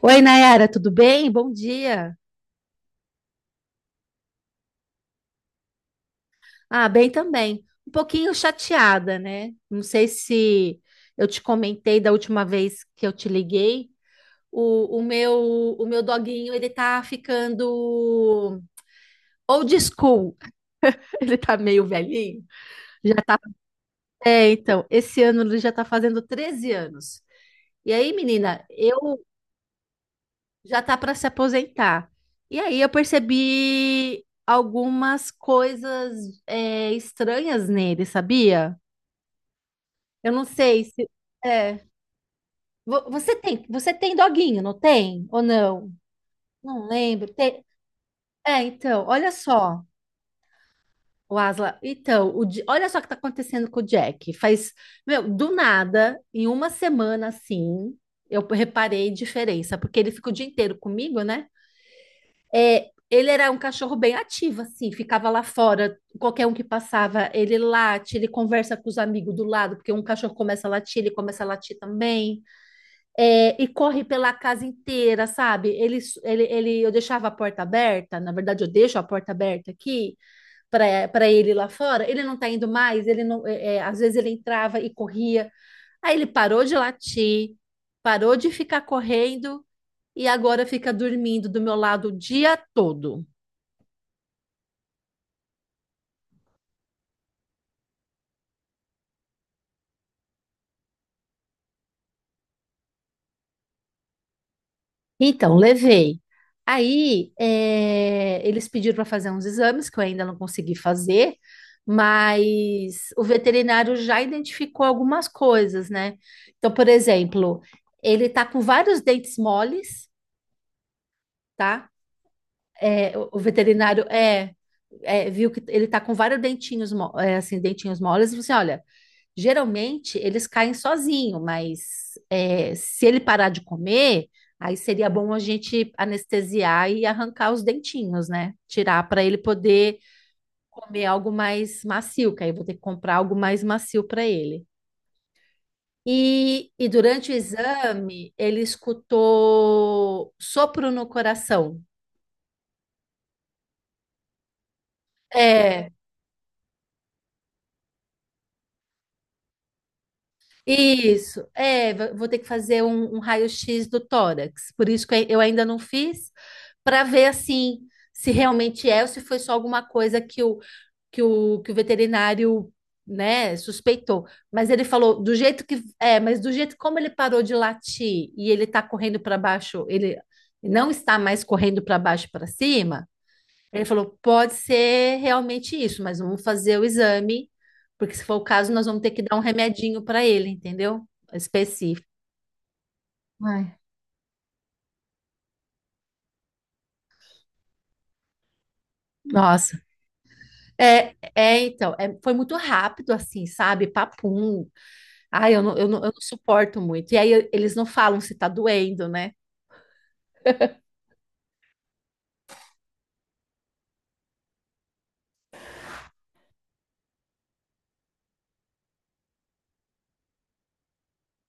Oi, Nayara, tudo bem? Bom dia. Ah, bem também. Um pouquinho chateada, né? Não sei se eu te comentei da última vez que eu te liguei. O meu o meu doguinho, ele tá ficando old school. Ele tá meio velhinho. Já tá. É, então, esse ano ele já tá fazendo 13 anos. E aí, menina, eu já tá para se aposentar. E aí eu percebi algumas coisas estranhas nele, sabia? Eu não sei se é. Você tem doguinho, não tem? Ou não? Não lembro. É, então, olha só, o Asla. Então, olha só o que tá acontecendo com o Jack. Faz, meu, do nada, em uma semana assim, eu reparei diferença, porque ele fica o dia inteiro comigo, né? É, ele era um cachorro bem ativo, assim, ficava lá fora, qualquer um que passava, ele late, ele conversa com os amigos do lado, porque um cachorro começa a latir, ele começa a latir também. É, e corre pela casa inteira, sabe? Ele, eu deixava a porta aberta, na verdade eu deixo a porta aberta aqui para ele lá fora. Ele não tá indo mais, ele não, às vezes ele entrava e corria. Aí ele parou de latir, parou de ficar correndo e agora fica dormindo do meu lado o dia todo. Então, levei. Aí, eles pediram para fazer uns exames que eu ainda não consegui fazer, mas o veterinário já identificou algumas coisas, né? Então, por exemplo, ele tá com vários dentes moles, tá? O veterinário viu que ele tá com vários dentinhos, assim, dentinhos moles, e falou assim, olha. Geralmente eles caem sozinho, mas é, se ele parar de comer, aí seria bom a gente anestesiar e arrancar os dentinhos, né? Tirar para ele poder comer algo mais macio, que aí eu vou ter que comprar algo mais macio para ele. E durante o exame, ele escutou sopro no coração. É, Isso, é, vou ter que fazer um raio-x do tórax, por isso que eu ainda não fiz, para ver assim se realmente é ou se foi só alguma coisa que que o veterinário, né, suspeitou. Mas ele falou do jeito que é, mas do jeito como ele parou de latir e ele está correndo para baixo, ele não está mais correndo para baixo e para cima. Ele falou: pode ser realmente isso, mas vamos fazer o exame, porque se for o caso, nós vamos ter que dar um remedinho para ele, entendeu? Específico. Ai. Nossa, foi muito rápido assim, sabe? Papum. Ai, eu não suporto muito. E aí eles não falam se tá doendo, né?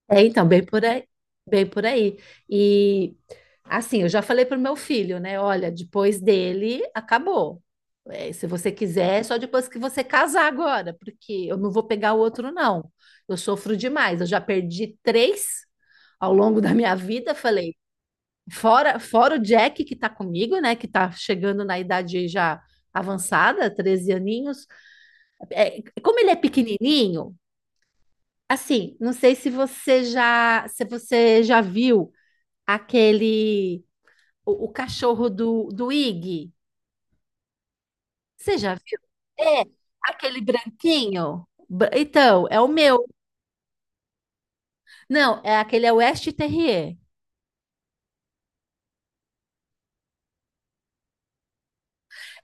É, então, bem por aí, bem por aí. E assim, eu já falei pro meu filho, né? Olha, depois dele acabou. É, se você quiser, é só depois que você casar agora, porque eu não vou pegar o outro, não. Eu sofro demais. Eu já perdi três ao longo da minha vida. Falei, fora o Jack que tá comigo, né? Que tá chegando na idade já avançada, 13 aninhos. É, como ele é pequenininho. Assim, não sei se você já viu aquele o cachorro do Iggy. Você já viu? É, aquele branquinho. Então, é o meu. Não, aquele é o West Terrier.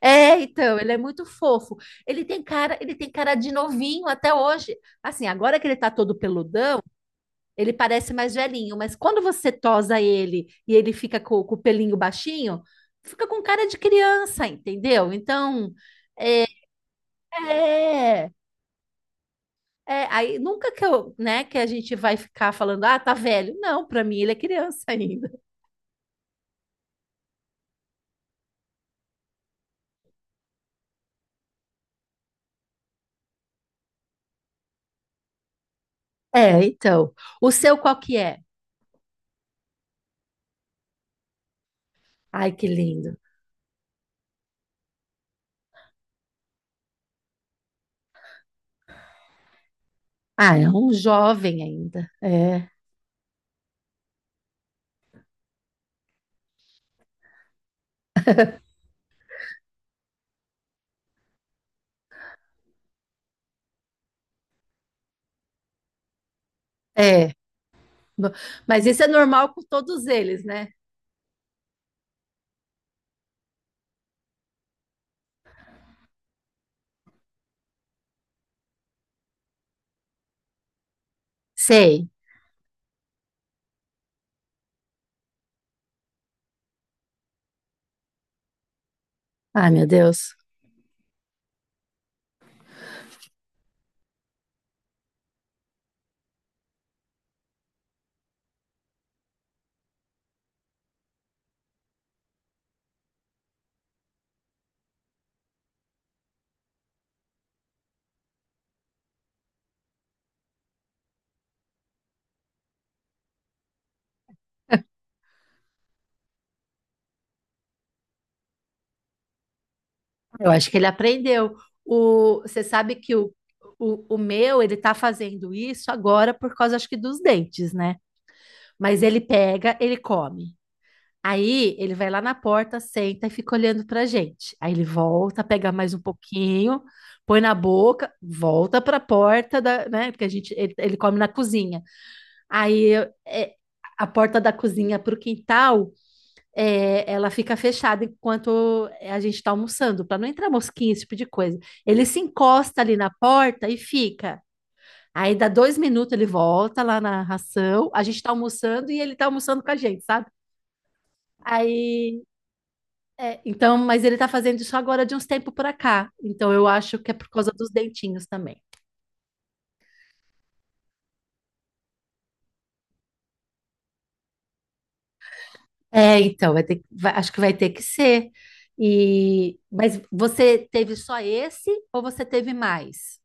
É, então, ele é muito fofo. Ele tem cara de novinho até hoje. Assim, agora que ele tá todo peludão, ele parece mais velhinho, mas quando você tosa ele e ele fica com o pelinho baixinho, fica com cara de criança, entendeu? Então, É, aí nunca que eu, né, que a gente vai ficar falando, ah, tá velho. Não, pra mim ele é criança ainda. É, então. O seu qual que é? Ai, que lindo. Ah, é um jovem ainda. É. No- Mas isso é normal com todos eles, né? Sei. Ai, meu Deus. Eu acho que ele aprendeu. O, você sabe que o meu, ele tá fazendo isso agora por causa, acho que, dos dentes, né? Mas ele pega, ele come. Aí ele vai lá na porta, senta e fica olhando pra gente. Aí ele volta, pega mais um pouquinho, põe na boca, volta pra porta da, né? Porque a gente ele come na cozinha. Aí é, a porta da cozinha pro quintal, ela fica fechada enquanto a gente tá almoçando, pra não entrar mosquinha, esse tipo de coisa. Ele se encosta ali na porta e fica. Aí dá 2 minutos, ele volta lá na ração, a gente tá almoçando e ele tá almoçando com a gente, sabe? Aí É, então, mas ele tá fazendo isso agora de uns tempos pra cá. Então, eu acho que é por causa dos dentinhos também. É, então, vai ter, que- vai- acho que vai ter que ser. E, mas você teve só esse ou você teve mais?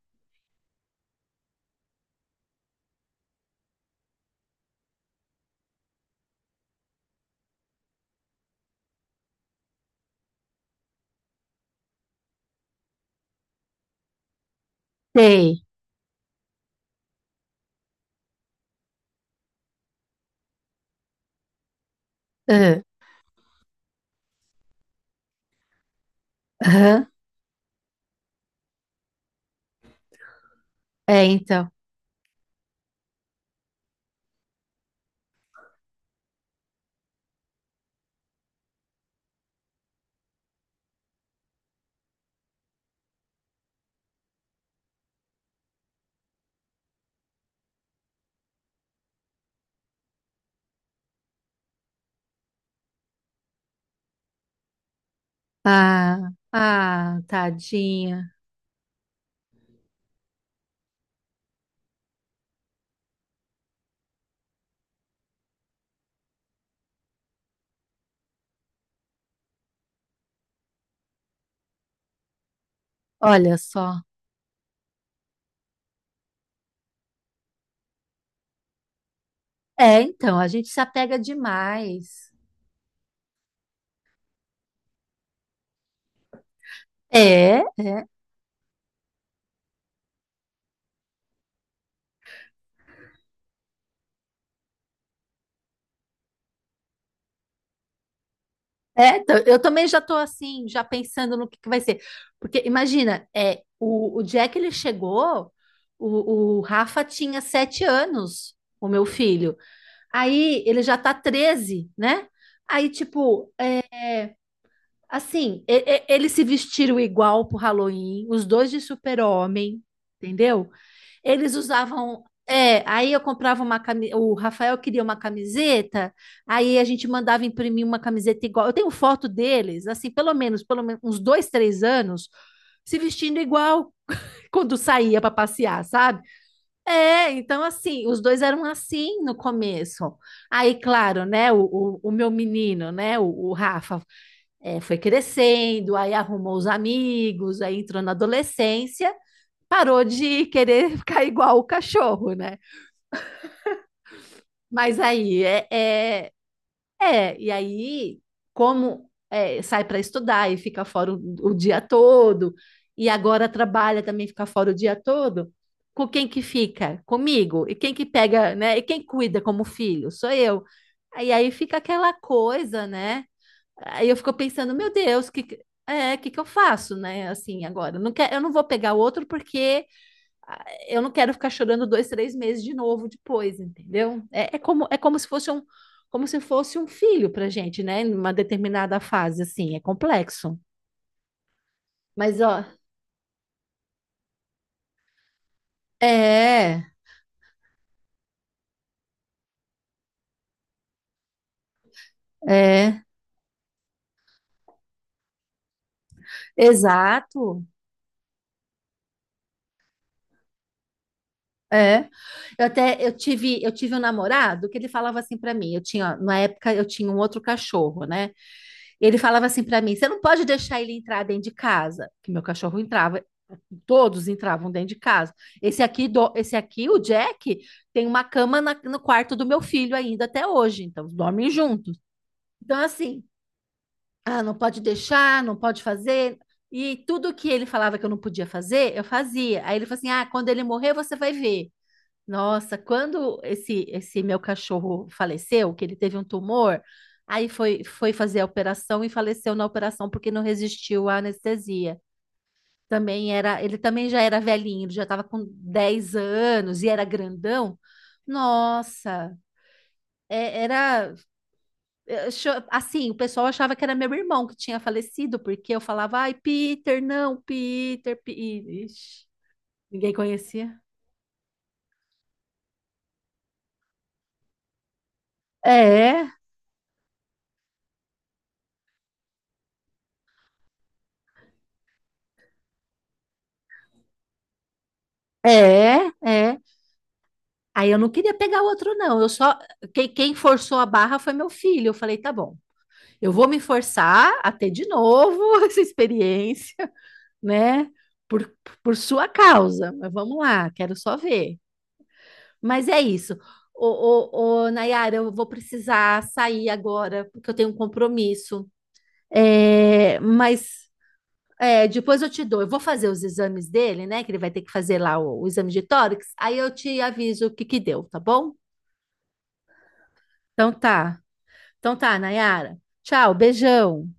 Sei. Ah, aham. É, então. Ah, ah, tadinha. Olha só. É, então, a gente se apega demais. É. É, eu também já tô assim, já pensando no que vai ser. Porque imagina, é, o dia que ele chegou, o Rafa tinha 7 anos, o meu filho. Aí ele já tá 13, né? Aí, tipo, é, assim, eles se vestiram igual pro Halloween, os dois de super-homem, entendeu? Eles usavam. É, aí eu comprava uma camiseta. O Rafael queria uma camiseta, aí a gente mandava imprimir uma camiseta igual. Eu tenho foto deles, assim, pelo menos uns 2, 3 anos, se vestindo igual quando saía para passear, sabe? É, então assim, os dois eram assim no começo. Aí, claro, né? O meu menino, né? O Rafa foi crescendo, aí arrumou os amigos, aí entrou na adolescência, parou de querer ficar igual o cachorro, né? Mas aí e aí, como é, sai para estudar e fica fora o dia todo, e agora trabalha também fica fora o dia todo, com quem que fica? Comigo. E quem que pega, né? E quem cuida como filho? Sou eu. E aí fica aquela coisa, né? Aí eu fico pensando, meu Deus, que eu faço, né? Assim, agora, eu não vou pegar outro porque ah, eu não quero ficar chorando 2, 3 meses de novo depois, entendeu? É como se fosse um, como se fosse um filho pra gente, né? Em uma determinada fase, assim, é complexo. Mas, ó, é, é, exato. É. Eu tive um namorado que ele falava assim para mim, na época eu tinha um outro cachorro, né? Ele falava assim para mim, você não pode deixar ele entrar dentro de casa, que meu cachorro entrava, todos entravam dentro de casa. Esse aqui, o Jack, tem uma cama no quarto do meu filho ainda até hoje, então dormem juntos. Então assim, ah, não pode deixar, não pode fazer. E tudo que ele falava que eu não podia fazer, eu fazia. Aí ele falou assim: "Ah, quando ele morrer, você vai ver". Nossa, quando esse meu cachorro faleceu, que ele teve um tumor, aí foi fazer a operação e faleceu na operação porque não resistiu à anestesia. Também era, ele também já era velhinho, ele já estava com 10 anos e era grandão. Nossa, era assim, o pessoal achava que era meu irmão que tinha falecido, porque eu falava, ai, Peter, não, Peter, Ixi, ninguém conhecia. É, é, é. Aí eu não queria pegar outro, não. Eu só. Quem, quem forçou a barra foi meu filho. Eu falei, tá bom, eu vou me forçar a ter de novo essa experiência, né? Por, por sua causa. Mas vamos lá, quero só ver. Mas é isso. Ô, ô, Nayara, eu vou precisar sair agora, porque eu tenho um compromisso. É, mas depois eu te dou. Eu vou fazer os exames dele, né? Que ele vai ter que fazer lá o exame de tórax. Aí eu te aviso o que que deu, tá bom? Então tá. Então tá, Nayara. Tchau, beijão.